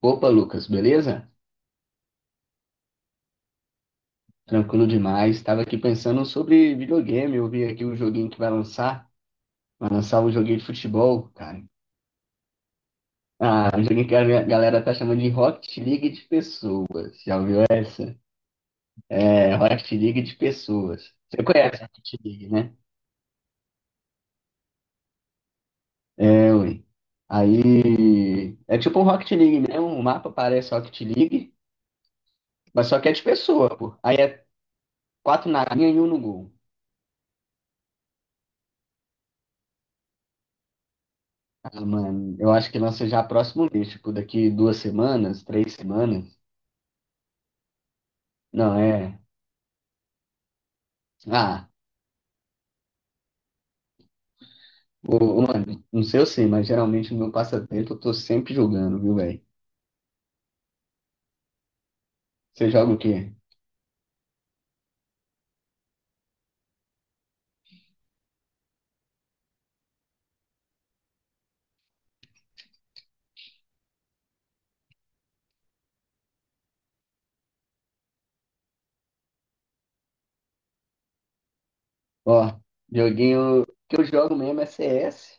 Opa, Lucas, beleza? Tranquilo demais. Estava aqui pensando sobre videogame. Eu vi aqui o joguinho que vai lançar. Vai lançar um joguinho de futebol, cara. Ah, um joguinho que a minha galera tá chamando de Rocket League de pessoas. Já ouviu essa? É, Rocket League de pessoas. Você conhece Rocket League, né? É, ui. Aí é tipo um Rocket League mesmo. O mapa parece Rocket League, mas só que é de pessoa, pô. Aí é quatro na linha e um no gol. Ah, mano, eu acho que lança já próximo mês, tipo, daqui duas semanas, três semanas. Não, é. Ah, mano, não sei eu sei, mas geralmente no meu passatempo eu tô sempre jogando, viu, velho? Você joga o quê? Ó, joguinho que eu jogo mesmo é CS.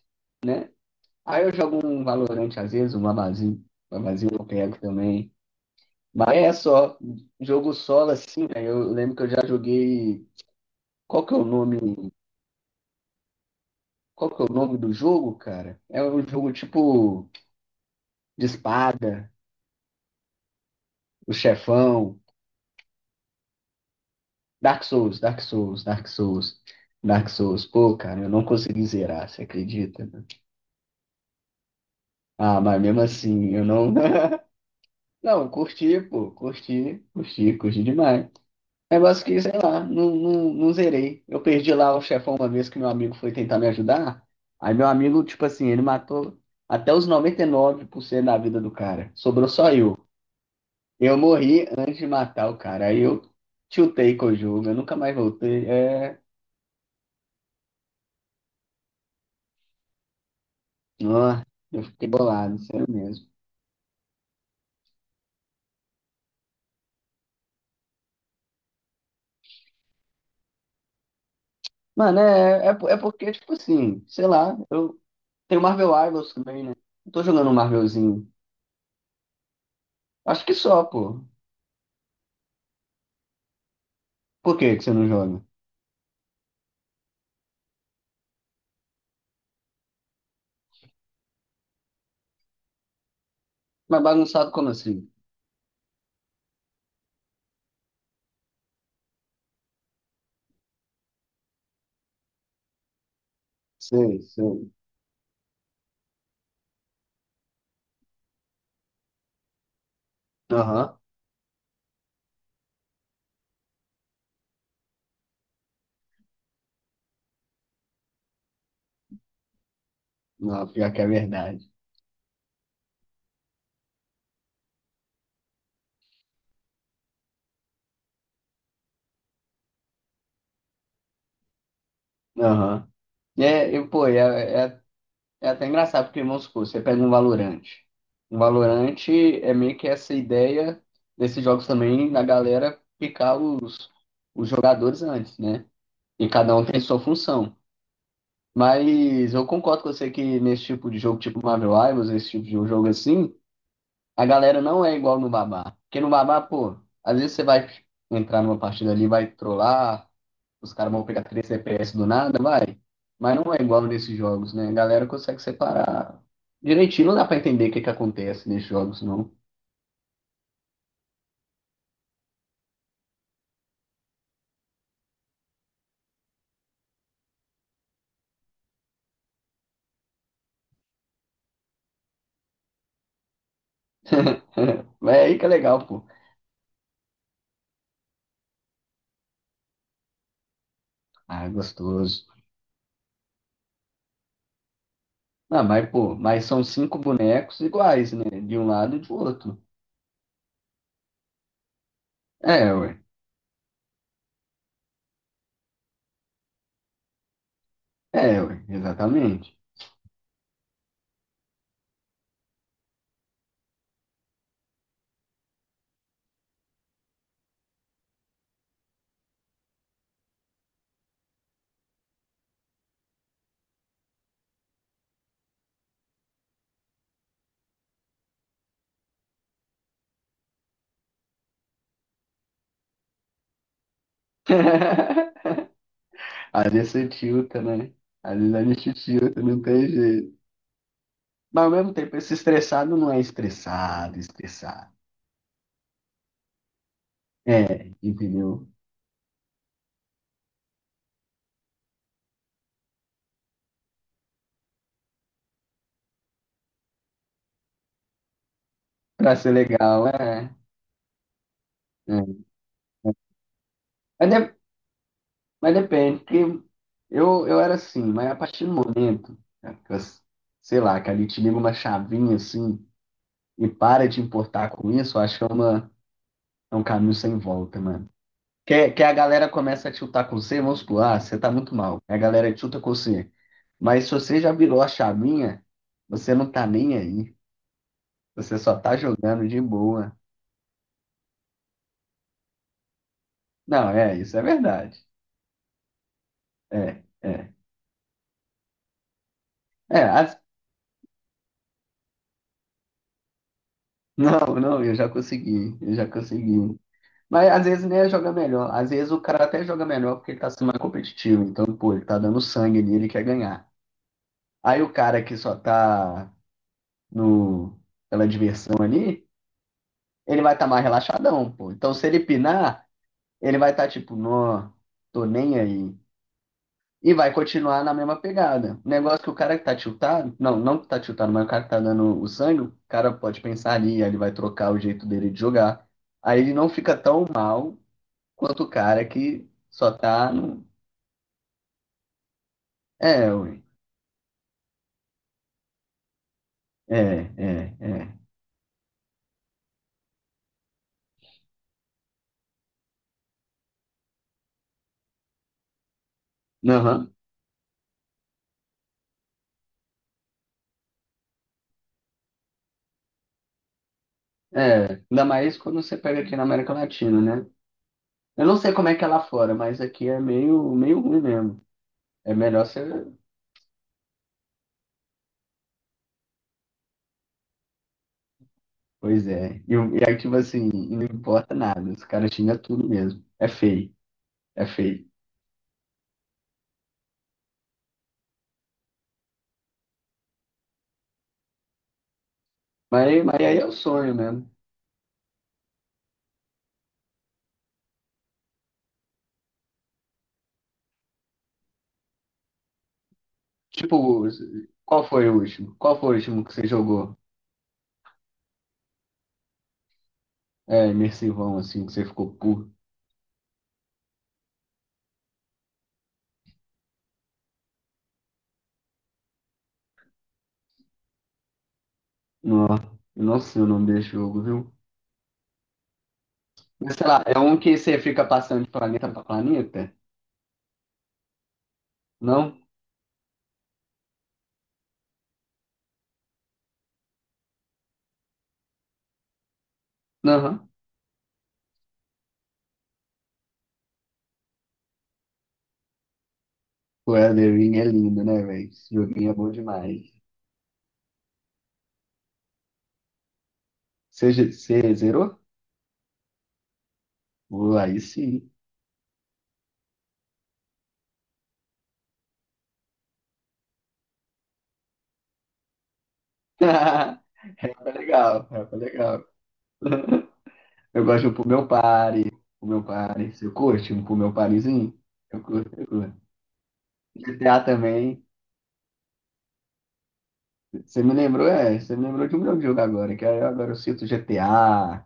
Aí eu jogo um Valorant às vezes, um Abazinho. Abazinho eu pego também. Mas é só, jogo solo assim, velho. Eu lembro que eu já joguei. Qual que é o nome? Qual que é o nome do jogo, cara? É um jogo tipo de espada. O chefão. Dark Souls, Dark Souls, Dark Souls, Dark Souls. Pô, cara, eu não consegui zerar, você acredita, né? Ah, mas mesmo assim, eu não. Não, curti, pô, curti demais. Negócio que, sei lá, não zerei. Eu perdi lá o chefão uma vez que meu amigo foi tentar me ajudar. Aí meu amigo, tipo assim, ele matou até os 99% da vida do cara. Sobrou só eu. Eu morri antes de matar o cara. Aí eu tiltei com o jogo, eu nunca mais voltei. É, ó, eu fiquei bolado, sério mesmo. Mano, é porque, tipo assim, sei lá, eu tenho Marvel Rivals também, né? Eu tô jogando um Marvelzinho. Acho que só, pô. Por que que você não joga? Mas bagunçado como assim? Sei, sei. Aham. Não, pior que é verdade. Aham. É, e, pô, é, é, é até engraçado, porque, vamos supor, você pega um Valorante. Um Valorante é meio que essa ideia desses jogos também, da galera picar os jogadores antes, né? E cada um tem sua função. Mas eu concordo com você que nesse tipo de jogo, tipo Marvel Rivals, esse tipo de jogo assim, a galera não é igual no Babá. Porque no Babá, pô, às vezes você vai entrar numa partida ali, vai trollar, os caras vão pegar 3 CPS do nada, vai. Mas não é igual nesses jogos, né? A galera consegue separar direitinho, não dá pra entender o que que acontece nesses jogos, não. Mas é aí que é legal, pô. Ah, é gostoso. Ah, mas, pô, mas são cinco bonecos iguais, né? De um lado e do outro. É, ué. É, ué. Exatamente. Às vezes você tilta, né? Às vezes a gente tilta, não tem jeito. Mas ao mesmo tempo, esse estressado não é estressado, estressado. É, entendeu? Pra ser legal, é. É. Mas, mas depende, porque eu era assim, mas a partir do momento, né, sei lá, que ali te liga uma chavinha assim e para de importar com isso, eu acho que é, uma, é um caminho sem volta, mano. Que a galera começa a tiltar com você, vamos supor, ah, você tá muito mal. A galera tilta com você. Mas se você já virou a chavinha, você não tá nem aí. Você só tá jogando de boa. Não, é, isso é verdade. É, é. É, as- não, não, eu já consegui, eu já consegui. Mas às vezes nem joga melhor. Às vezes o cara até joga melhor porque ele tá sendo mais competitivo. Então, pô, ele tá dando sangue ali, ele quer ganhar. Aí o cara que só tá no, pela diversão ali, ele vai estar mais relaxadão, pô. Então, se ele pinar, ele vai estar tipo, não, tô nem aí. E vai continuar na mesma pegada. O negócio que o cara que tá tiltado, não que tá tiltado, mas o cara que tá dando o sangue, o cara pode pensar ali, aí ele vai trocar o jeito dele de jogar. Aí ele não fica tão mal quanto o cara que só tá no. É, ué. É, é. Aham. Ainda mais quando você pega aqui na América Latina, né? Eu não sei como é que é lá fora, mas aqui é meio ruim mesmo. É melhor você pois é. E, e aí, tipo assim, não importa nada. Os caras xingam tudo mesmo. É feio. É feio. Mas aí é o sonho mesmo. Tipo, qual foi o último? Qual foi o último que você jogou? É, imersivão, assim, que você ficou puro. Não, eu não sei o nome desse jogo, viu? Mas sei lá, é um que você fica passando de planeta pra planeta? Não? Aham. O Elden Ring é lindo, né, velho? Esse joguinho é bom demais. Você, você zerou? Pô, aí sim. Rapa legal, rapa legal. Eu gosto de um Pull Meu Party. Pull Meu Party. Você curte um Pull Meu Partyzinho? Eu curto, eu curto. GTA também. Você me lembrou de um grande jogo agora, que aí agora eu cito GTA.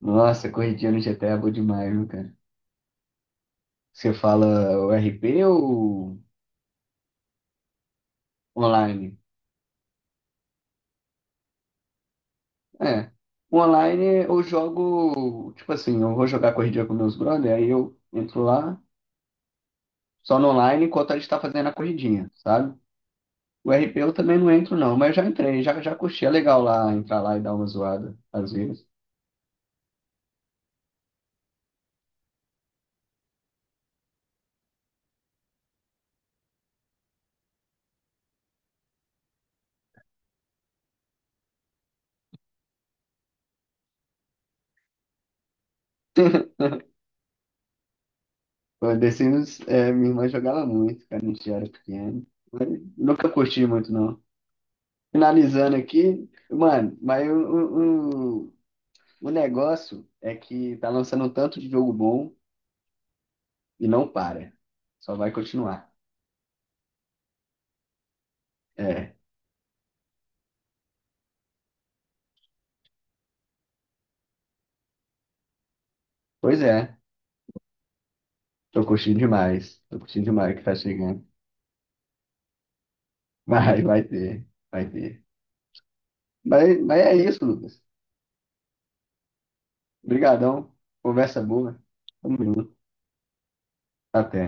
Nossa, corridinha no GTA é bom demais, viu, cara? Você fala o RP ou online? É. Online eu jogo, tipo assim, eu vou jogar corridinha com meus brother, aí eu entro lá, só no online enquanto a gente tá fazendo a corridinha, sabe? O RP eu também não entro, não, mas já entrei, já, já curti. É legal lá entrar lá e dar uma zoada, às vezes. Pô, The Sims, é, minha irmã jogava muito, cara, a gente era pequeno. Mas nunca curti muito, não. Finalizando aqui, mano, mas o negócio é que tá lançando um tanto de jogo bom e não para. Só vai continuar. É. Pois é, tô curtindo demais. Tô curtindo demais o que tá chegando. Vai ter, vai ter. Mas é isso, Lucas. Obrigadão. Conversa boa. Tamo junto. Até.